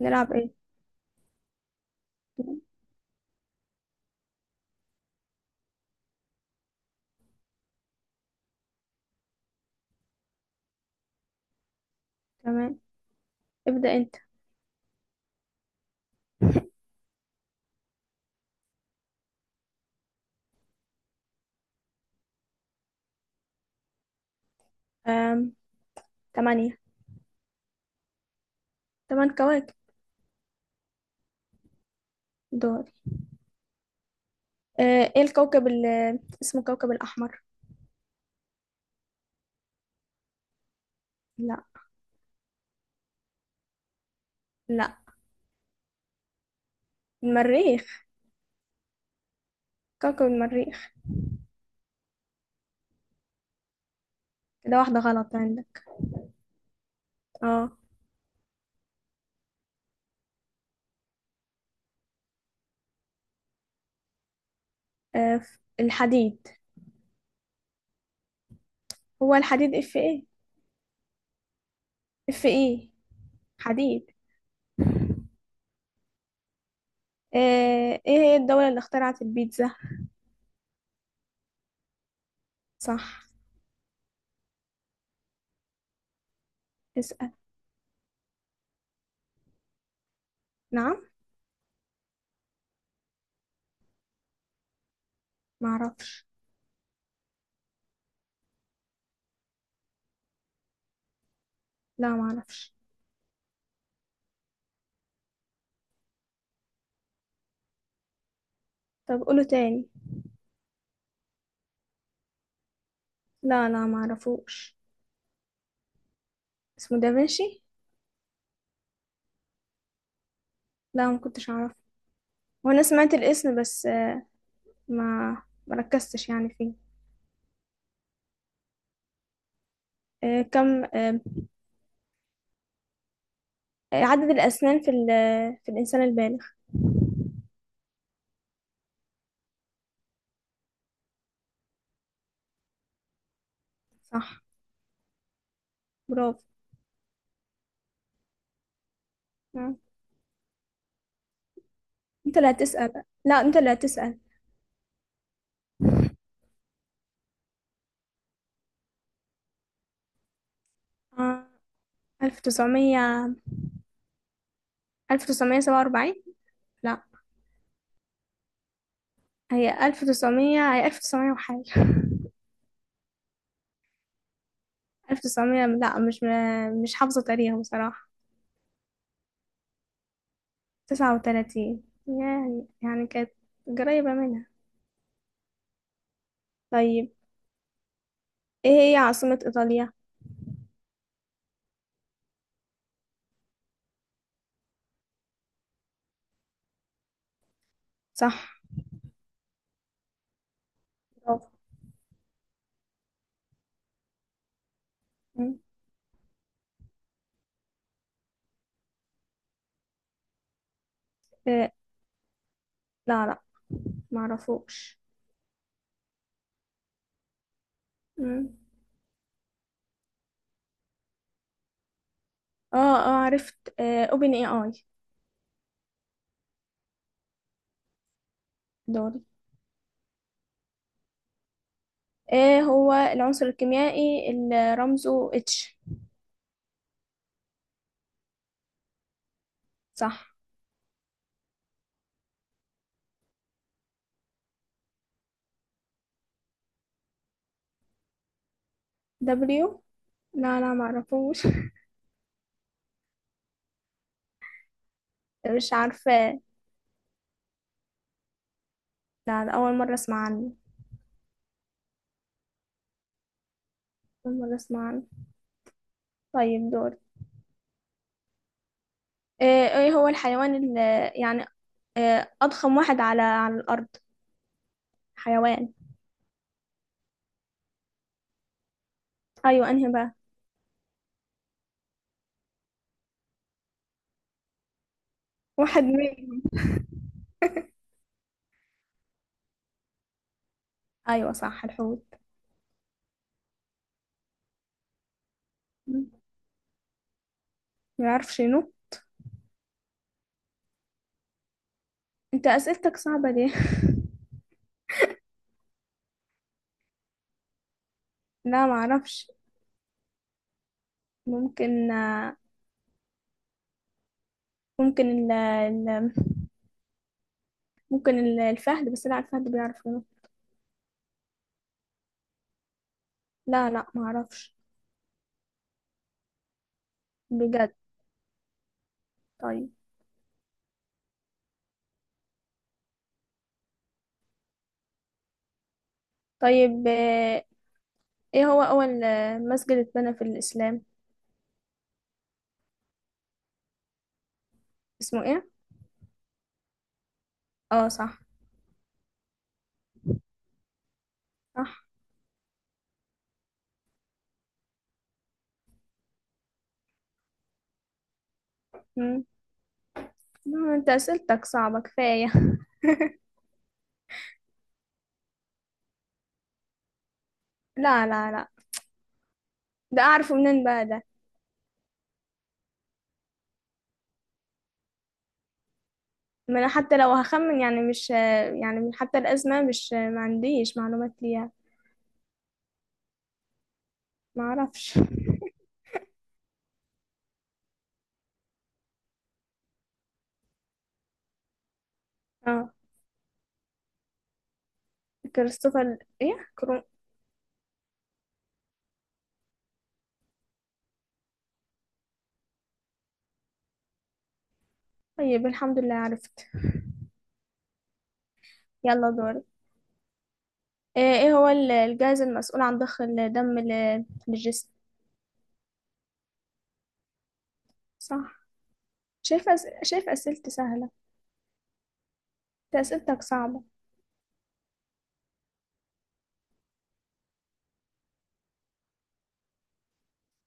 نلعب ايه؟ تمام. ابدأ انت. أم... تمانية. تمن كواكب دول. ايه الكوكب اللي اسمه كوكب الأحمر؟ لا. لا. المريخ. كوكب المريخ. كده واحدة غلط عندك. اه. الحديد. هو الحديد اف ايه؟ اف ايه. حديد. ايه هي الدولة اللي اخترعت البيتزا؟ صح. اسأل. نعم. معرفش. لا معرفش. طب قوله تاني. لا لا معرفوش. اسمه دافنشي. لا ما كنتش اعرف. وانا سمعت الاسم بس، ما مركزتش يعني فيه. كم عدد الاسنان في في الانسان البالغ؟ صح. برافو. آه. انت اللي هتسأل، لا انت اللي هتسأل. آه، 1900. 1947. لا. هي 1900، هي 1900 وحاجة. 1900. لا، مش حافظة تاريخ بصراحة. 39، يعني كانت قريبة منها. طيب، ايه هي عاصمة ايطاليا؟ صح. برافو. مم. إيه. لا لا معرفوش. مم. اه اه عرفت. اوبن اي اي. دوري. ايه هو العنصر الكيميائي اللي رمزه اتش؟ صح. دبليو. لا لا معرفوش. مش عارفة. لا، ده أول مرة أسمع عنه. أول مرة أسمع عنه. طيب دور. إيه هو الحيوان اللي، يعني، إيه أضخم واحد على الأرض؟ حيوان. أيوة أنهي بقى؟ واحد منهم. أيوة صح الحوت. م. ما يعرف شنو؟ أنت أسئلتك صعبة دي. لا ما أعرفش. ممكن، ممكن ممكن الفهد. بس لا، الفهد بيعرف ينط. لا لا ما اعرفش. بجد. طيب. طيب ايه هو اول مسجد اتبنى في الاسلام؟ اسمه ايه؟ اه صح. صح. مم. لا، انت اسئلتك صعبة كفاية. لا لا لا، ده اعرفه منين بقى ده. ما انا حتى لو هخمن، يعني مش يعني من حتى الازمة، مش ما عنديش معلومات ليها. ما اعرفش. اه. كريستوفر ايه كرو. طيب الحمد لله عرفت. يلا دور. ايه هو الجهاز المسؤول عن ضخ الدم للجسم؟ صح. شايف أسئلتي سهلة. انت أسئلتك صعبة.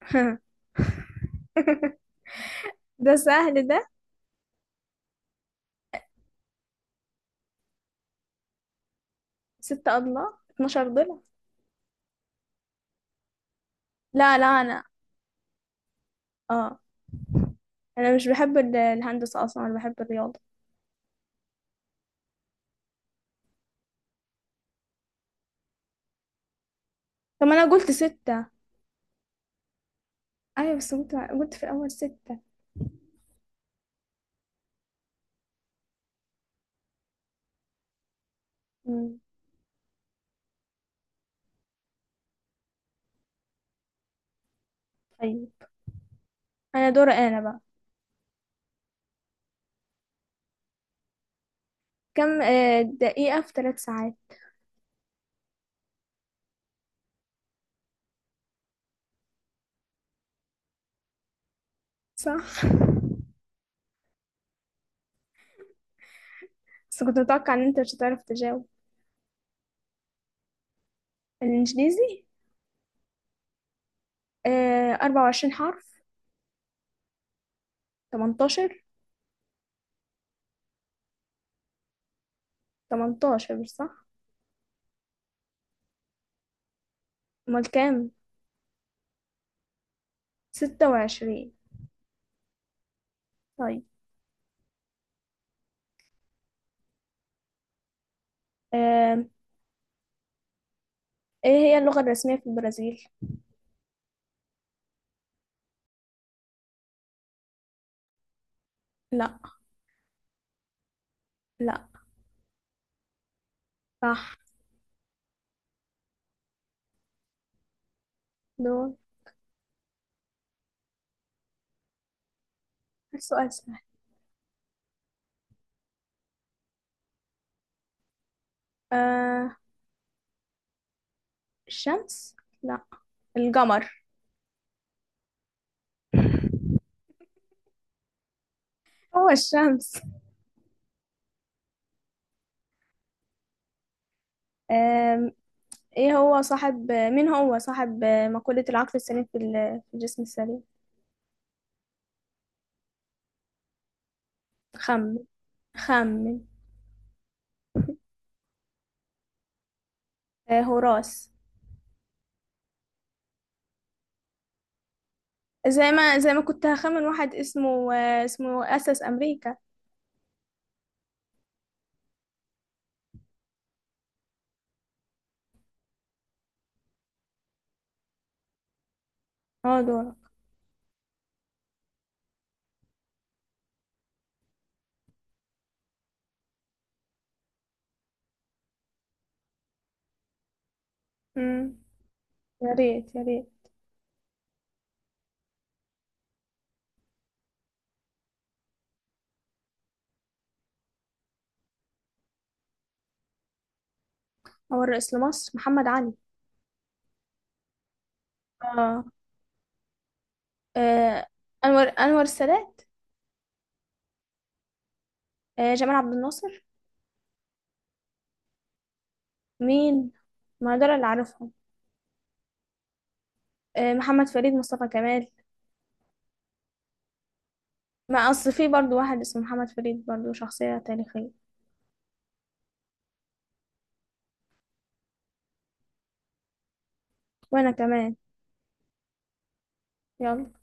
ده سهل ده. ستة أضلاع. 12 ضلع. لا لا أنا. اه. أنا مش بحب الهندسة أصلا، أنا بحب الرياضة. طب ما أنا قلت ستة. أيوة بس قلت في الأول ستة. مم. طيب. أنا دوري أنا بقى. كم دقيقة في ثلاث ساعات؟ صح. بس كنت متوقع إن أنت مش هتعرف تجاوب. الإنجليزي، أربعة وعشرين حرف. تمنتاشر. تمنتاشر صح. امال كام؟ ستة وعشرين. طيب. آم، ايه هي اللغة الرسمية في البرازيل؟ لا. لا. صح. دول. السؤال سهل. آه، الشمس. لا. القمر. هو الشمس. آم، ايه هو صاحب مين هو صاحب مقولة العقل السليم في في الجسم السليم؟ خمن. خمن. آه، هوراس. زي ما كنت هخمن واحد اسمه أسس أمريكا. اه. دول. يا ريت يا ريت. أول رئيس لمصر محمد علي. آه. آه. أنور السادات. جمال عبد الناصر. مين؟ ما دول اللي عارفهم. محمد فريد، مصطفى كمال. ما أصل في برضو واحد اسمه محمد فريد، برضو شخصية تاريخية. وأنا كمان. يلا.